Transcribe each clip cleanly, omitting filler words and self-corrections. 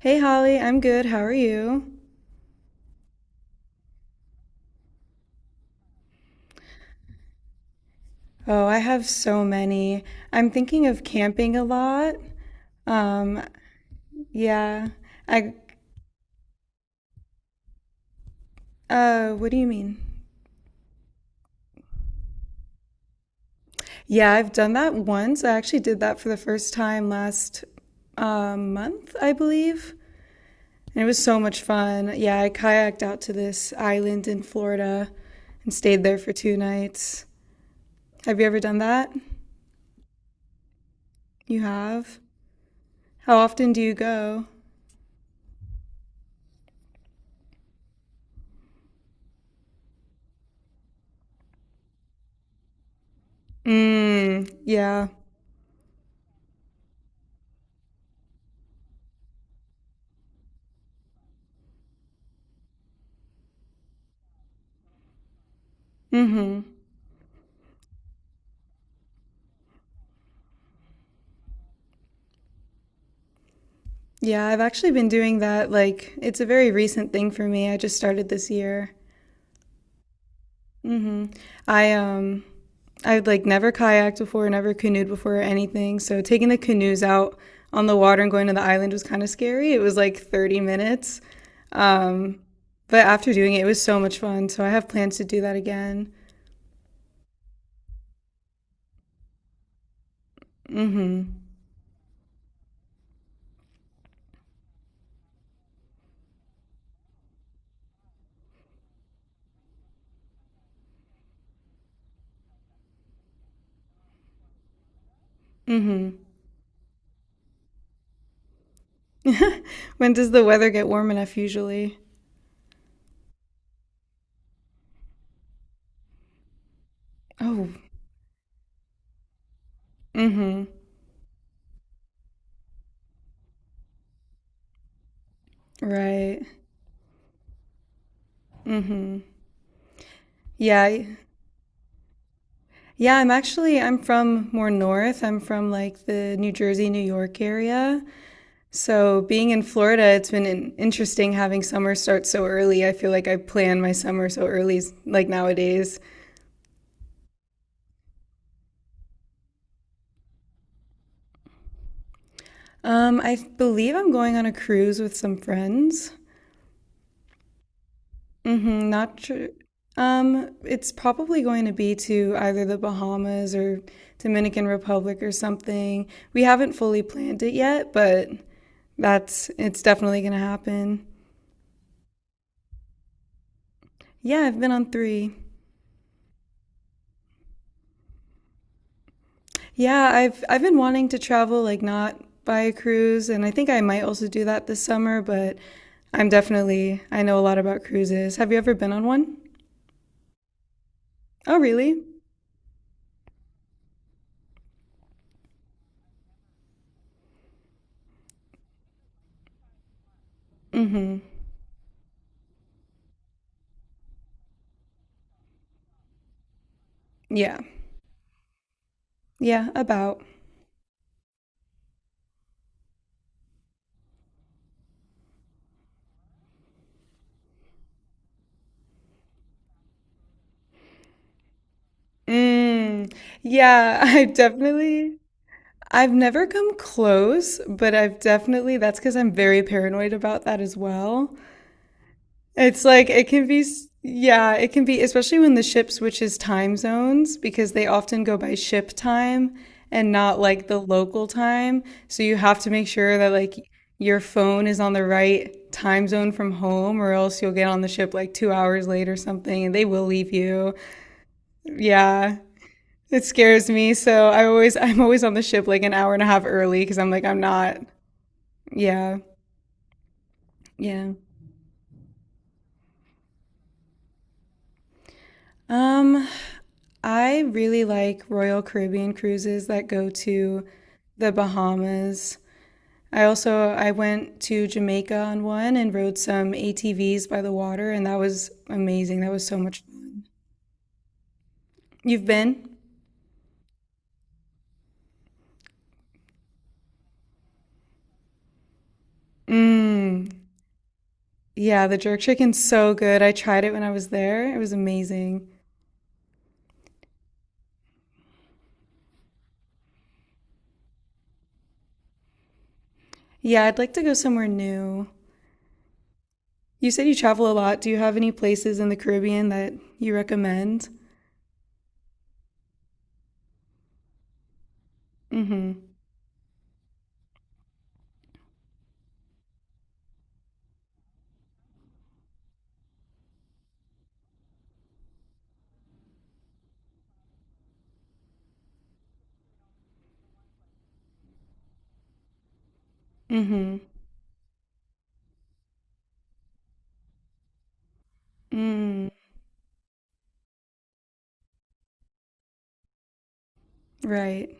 Hey, Holly, I'm good. How are you? Oh, I have so many. I'm thinking of camping a lot. Um, yeah. I, what do you mean? Yeah, I've done that once. I actually did that for the first time last month, I believe. And it was so much fun. Yeah, I kayaked out to this island in Florida and stayed there for two nights. Have you ever done that? You have? How often do you go? Mm, yeah. Mm-hmm. Yeah, I've actually been doing that. Like, it's a very recent thing for me. I just started this year. hmm I um, I've like never kayaked before, never canoed before or anything. So taking the canoes out on the water and going to the island was kind of scary. It was like 30 minutes. Um, but after doing it, it was so much fun. So I have plans to do that again. hmm When does the weather get warm enough usually? Oh, hmm Right. hmm Yeah. Yeah, I'm from more north. I'm from like the New Jersey, New York area. So being in Florida, it's been interesting having summer start so early. I feel like I plan my summer so early, like nowadays. I believe I'm going on a cruise with some friends. Mm-hmm, not sure. It's probably going to be to either the Bahamas or Dominican Republic or something. We haven't fully planned it yet, but that's it's definitely going to happen. Yeah, I've been on three. Yeah, I've been wanting to travel, like not by a cruise, and I think I might also do that this summer, but I know a lot about cruises. Have you ever been on one? Oh, really? Mm-hmm. Yeah. Yeah, about. Mm. Yeah, I've never come close, but I've definitely that's because I'm very paranoid about that as well. It's like it can be yeah, it can be, especially when the ship switches time zones because they often go by ship time and not like the local time. So you have to make sure that like your phone is on the right time zone from home or else you'll get on the ship like 2 hours late or something and they will leave you. Yeah. It scares me, so I'm always on the ship like an hour and a half early because I'm not. Yeah. Yeah. Um, I really like Royal Caribbean cruises that go to the Bahamas. I went to Jamaica on one and rode some ATVs by the water, and that was amazing. That was so much fun. You've been? Mmm. Yeah, the jerk chicken's so good. I tried it when I was there. It was amazing. Yeah, I'd like to go somewhere new. You said you travel a lot. Do you have any places in the Caribbean that you recommend? Mm-hmm. Mm-hmm. Mm. Right.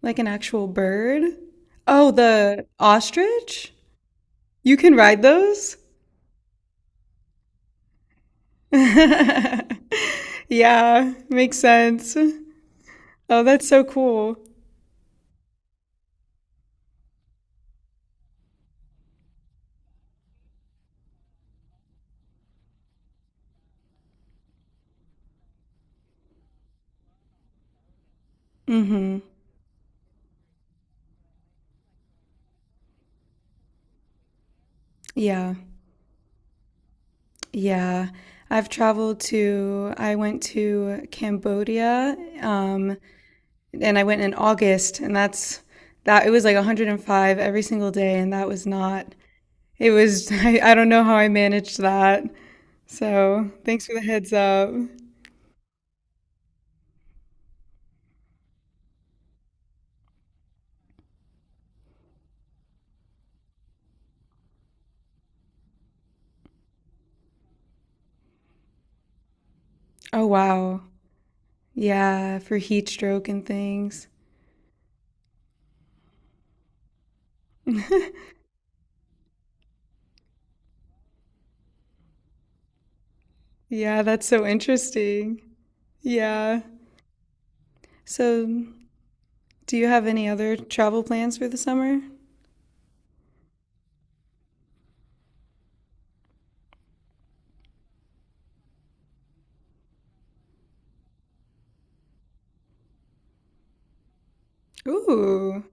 Like an actual bird? Oh, the ostrich? You can ride those? Yeah, makes sense. Oh, that's so cool. hmm Yeah. Yeah. I went to Cambodia, um, and I went in August, and that's that it was like 105 every single day, and that was not, it was, I don't know how I managed that. So thanks for the heads up. Oh, wow. Yeah, for heat stroke and things. Yeah, that's so interesting. Yeah. So, do you have any other travel plans for the summer? Ooh.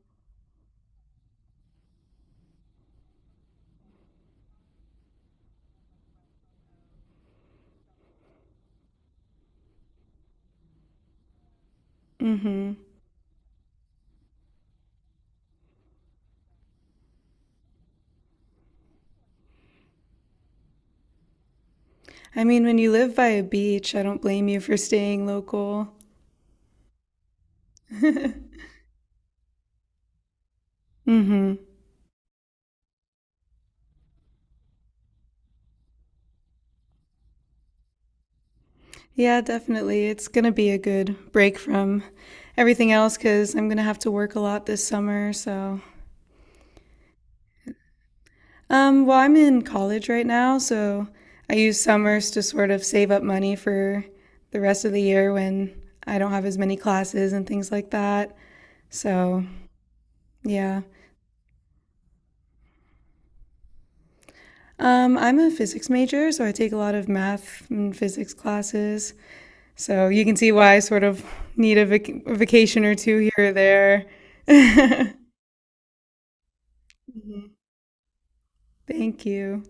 Mm-hmm. I mean, when you live by a beach, I don't blame you for staying local. Mm-hmm. Yeah, definitely. It's gonna be a good break from everything else because I'm gonna have to work a lot this summer, so. Well, I'm in college right now, so I use summers to sort of save up money for the rest of the year when I don't have as many classes and things like that. So, yeah. I'm a physics major, so I take a lot of math and physics classes. So you can see why I sort of need a, a vacation or two here or there. Mhm. Thank you.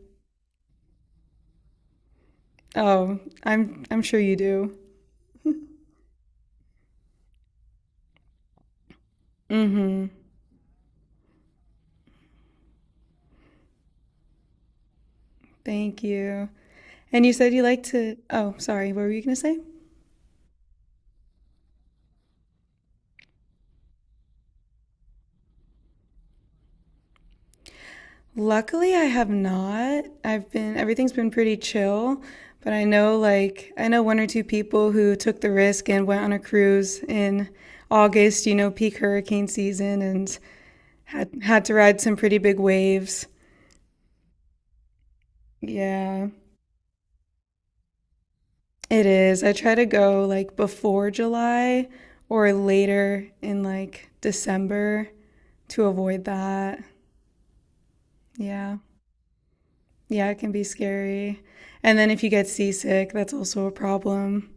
Oh, I'm sure you do. hmm Thank you. And you said you like to, oh, sorry, what were you going to say? Luckily, I have not. Everything's been pretty chill, but I know one or two people who took the risk and went on a cruise in August, you know, peak hurricane season and had to ride some pretty big waves. Yeah, it is. I try to go like before July or later in like December to avoid that. Yeah. Yeah, it can be scary. And then if you get seasick, that's also a problem.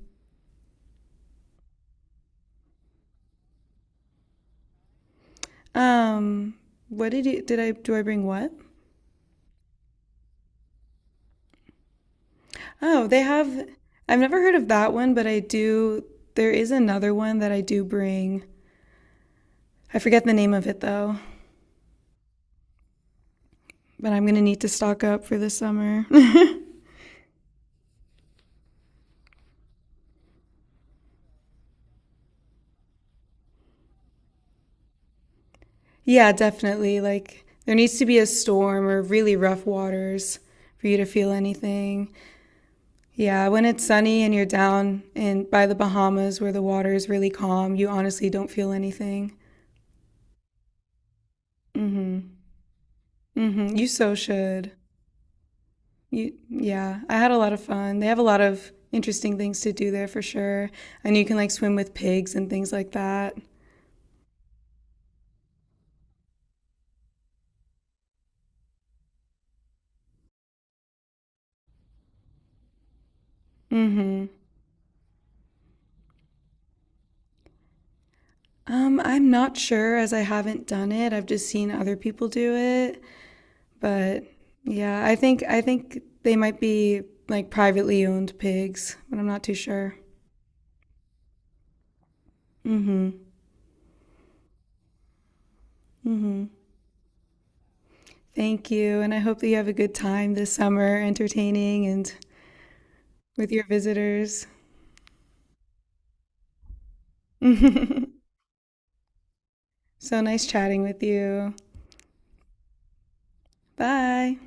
Um, what did you did I do I bring what? Oh, they have I've never heard of that one, but I do there is another one that I do bring. I forget the name of it though, but I'm going to need to stock up for the summer. Yeah, definitely. Like there needs to be a storm or really rough waters for you to feel anything. Yeah, when it's sunny and you're down in by the Bahamas where the water is really calm, you honestly don't feel anything. You so should. Yeah, I had a lot of fun. They have a lot of interesting things to do there for sure. I know you can like swim with pigs and things like that. hmm I'm not sure as I haven't done it. I've just seen other people do it, but yeah, I think they might be like privately owned pigs, but I'm not too sure. Thank you. And I hope that you have a good time this summer entertaining and with your visitors. So nice chatting with you. Bye.